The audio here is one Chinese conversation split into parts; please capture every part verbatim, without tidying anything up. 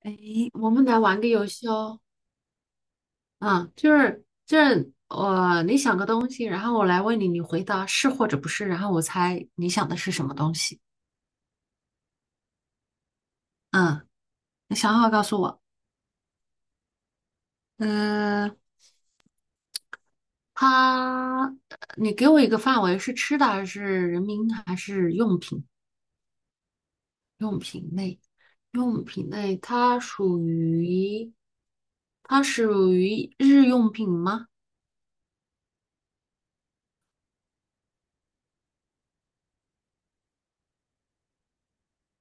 哎，我们来玩个游戏哦。嗯，就是就是我你想个东西，然后我来问你，你回答是或者不是，然后我猜你想的是什么东西。嗯，你想好告诉我。嗯、它，你给我一个范围，是吃的还是人民还是用品？用品类，用品类，它属于它属于日用品吗？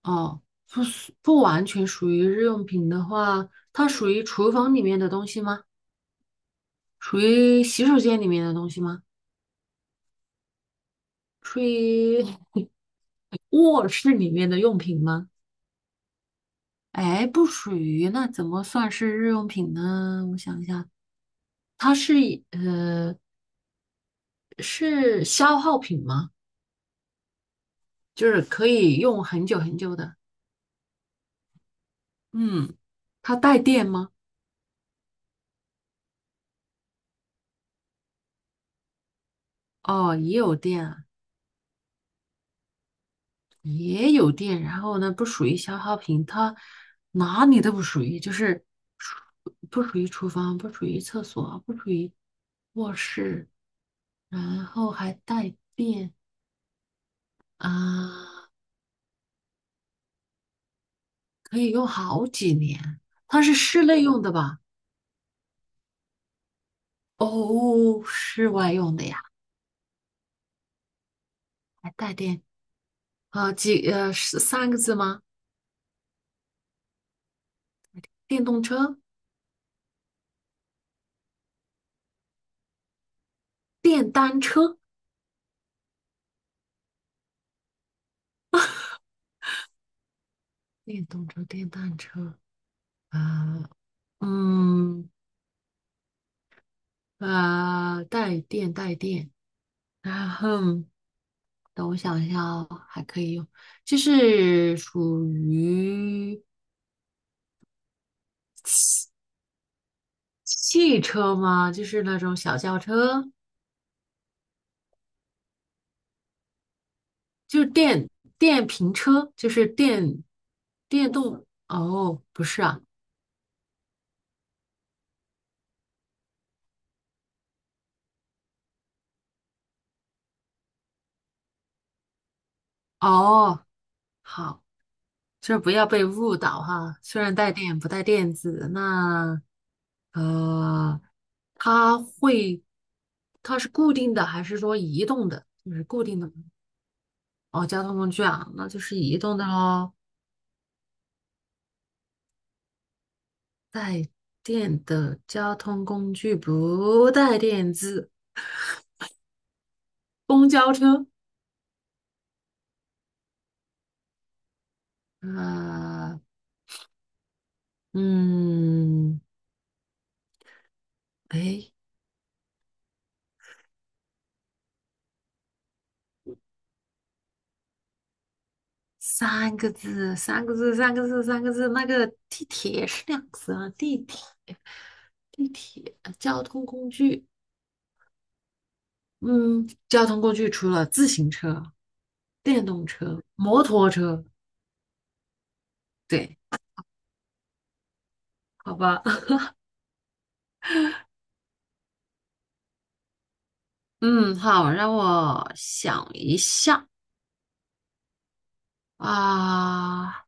哦，不属不完全属于日用品的话，它属于厨房里面的东西吗？属于洗手间里面的东西吗？属于 卧室里面的用品吗？哎，不属于，那怎么算是日用品呢？我想一下，它是以呃是消耗品吗？就是可以用很久很久的。嗯，它带电吗？哦，也有电啊。也有电，然后呢，不属于消耗品，它哪里都不属于，就是不属于厨房，不属于厕所，不属于卧室，然后还带电啊，可以用好几年。它是室内用的吧？哦，室外用的呀，还带电啊，几呃是三个字吗？电动车、电单车、电动车、电单车啊，嗯。呃，带电带电，然后等我想一下哦，还可以用，就是属于汽车吗？就是那种小轿车，就是电电瓶车，就是电电动。哦，不是啊，哦，好，就是不要被误导哈。虽然带电不带电子，那呃，它会，它是固定的还是说移动的？就是固定的吗哦，交通工具啊，那就是移动的喽。带电的交通工具不带电子，公交车。啊，嗯，哎，三个字，三个字，三个字，三个字。那个地铁是两个字啊，地铁，地铁，呃交通工具。嗯，交通工具除了自行车、电动车、摩托车，对，好吧。嗯，好，让我想一下。啊，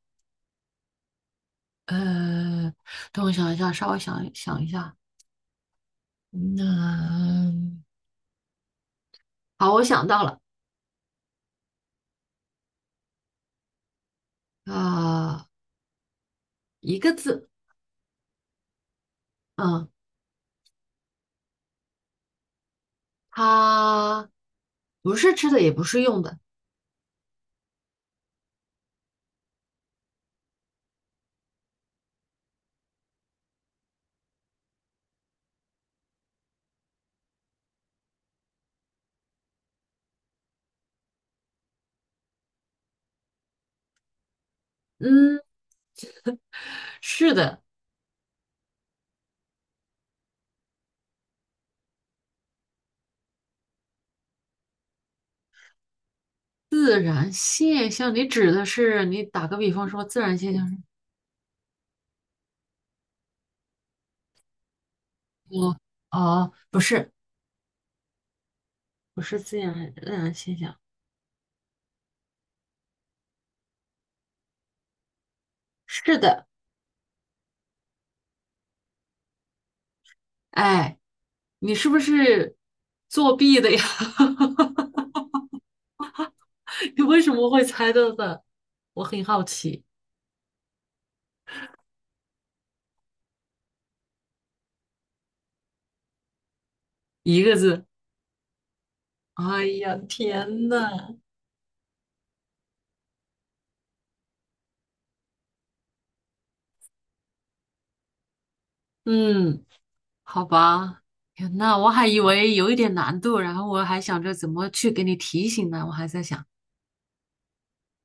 呃，等我想一下，稍微想想一下。那、好，我想到了，啊、一个字，嗯，它不是吃的，也不是用的，嗯，是的，自然现象。你指的是，你打个比方说，自然现象是我哦，不是，不是自然自然现象，是的，哎，你是不是作弊的呀？你为什么会猜到的？我很好奇。一个字。哎呀，天呐！嗯，好吧。天呐，我还以为有一点难度，然后我还想着怎么去给你提醒呢，我还在想，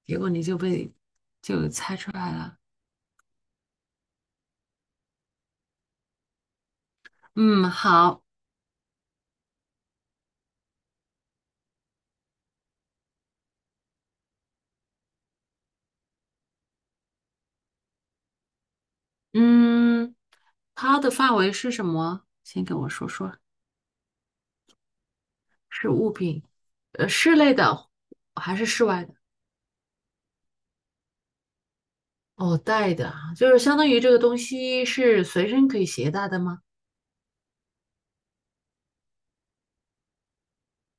结果你就被就猜出来了。嗯，好。嗯，它的范围是什么？先跟我说说，是物品，呃，室内的还是室外的？哦，带的啊，就是相当于这个东西是随身可以携带的吗？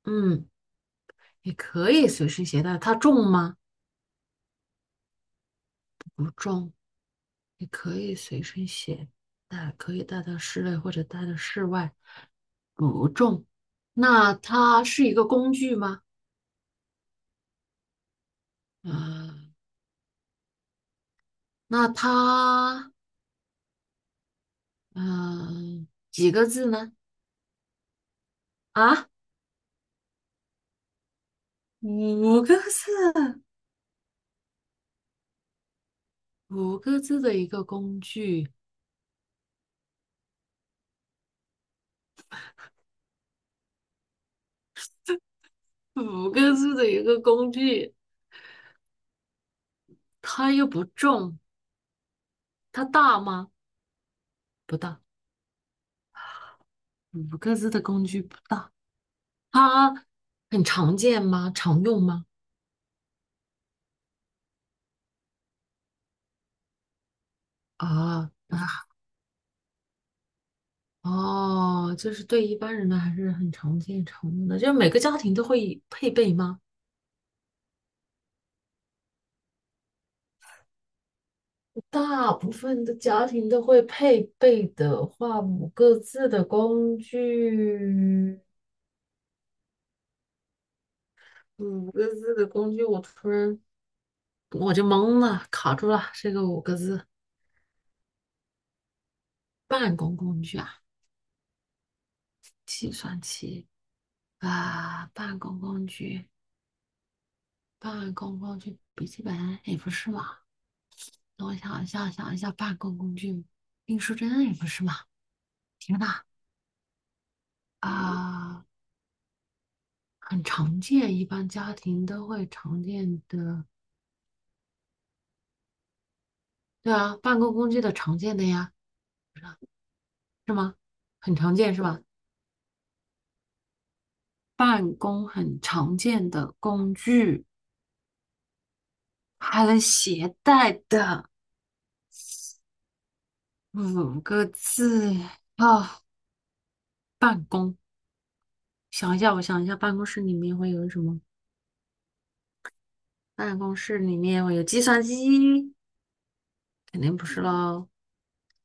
嗯。也可以随身携带，它重吗？不重，也可以随身携带，可以带到室内或者带到室外，不重。那它是一个工具吗？啊，那它，嗯、呃几个字呢？啊，五个字，五个字的一个工具，五个字的一个工具，它又不重，它大吗？不大，五个字的工具不大。它很常见吗？常用吗？啊，哦，就是对一般人呢还是很常见常用的，就是每个家庭都会配备吗？大部分的家庭都会配备的话，五个字的工具，五个字的工具，我突然我就懵了，卡住了。这个五个字，办公工具啊，计算器啊，办公工具，办公工具，笔记本也不是嘛。等我想一下，想一下，办公工具，订书针也不是嘛？天呐，啊，呃很常见，一般家庭都会常见的。对啊，办公工具的常见的呀，是吗？很常见是吧？办公很常见的工具，还能携带的五个字啊，办公。想一下，我想一下，办公室里面会有什么？办公室里面会有计算机，肯定不是喽。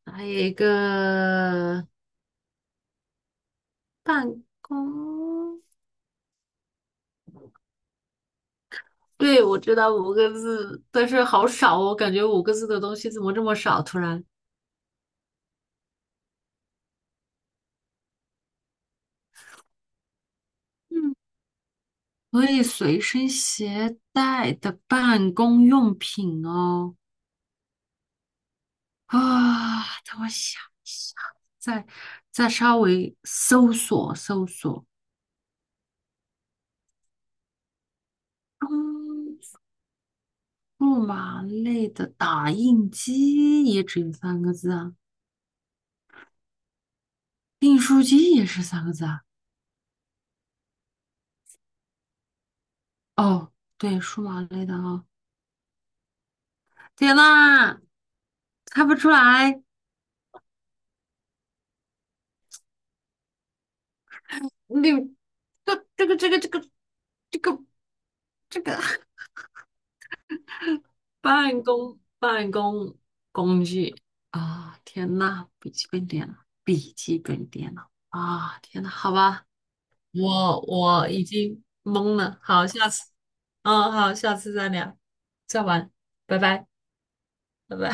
还有一个办公，对，我知道五个字，但是好少哦，感觉五个字的东西怎么这么少？突然，嗯，可以随身携带的办公用品哦。啊，等我想一下，再再稍微搜索搜索。嗯，数码类的打印机也只有三个字啊，订书机也是三个字啊。哦，对，数码类的啊、天呐，猜不出来，你这这个这个这个这个这个 办公办公工具啊！天呐，笔记本电脑，笔记本电脑啊！天呐，好吧，我我已经懵了。好，下次，嗯，好，下次再聊，再玩，拜拜，拜拜。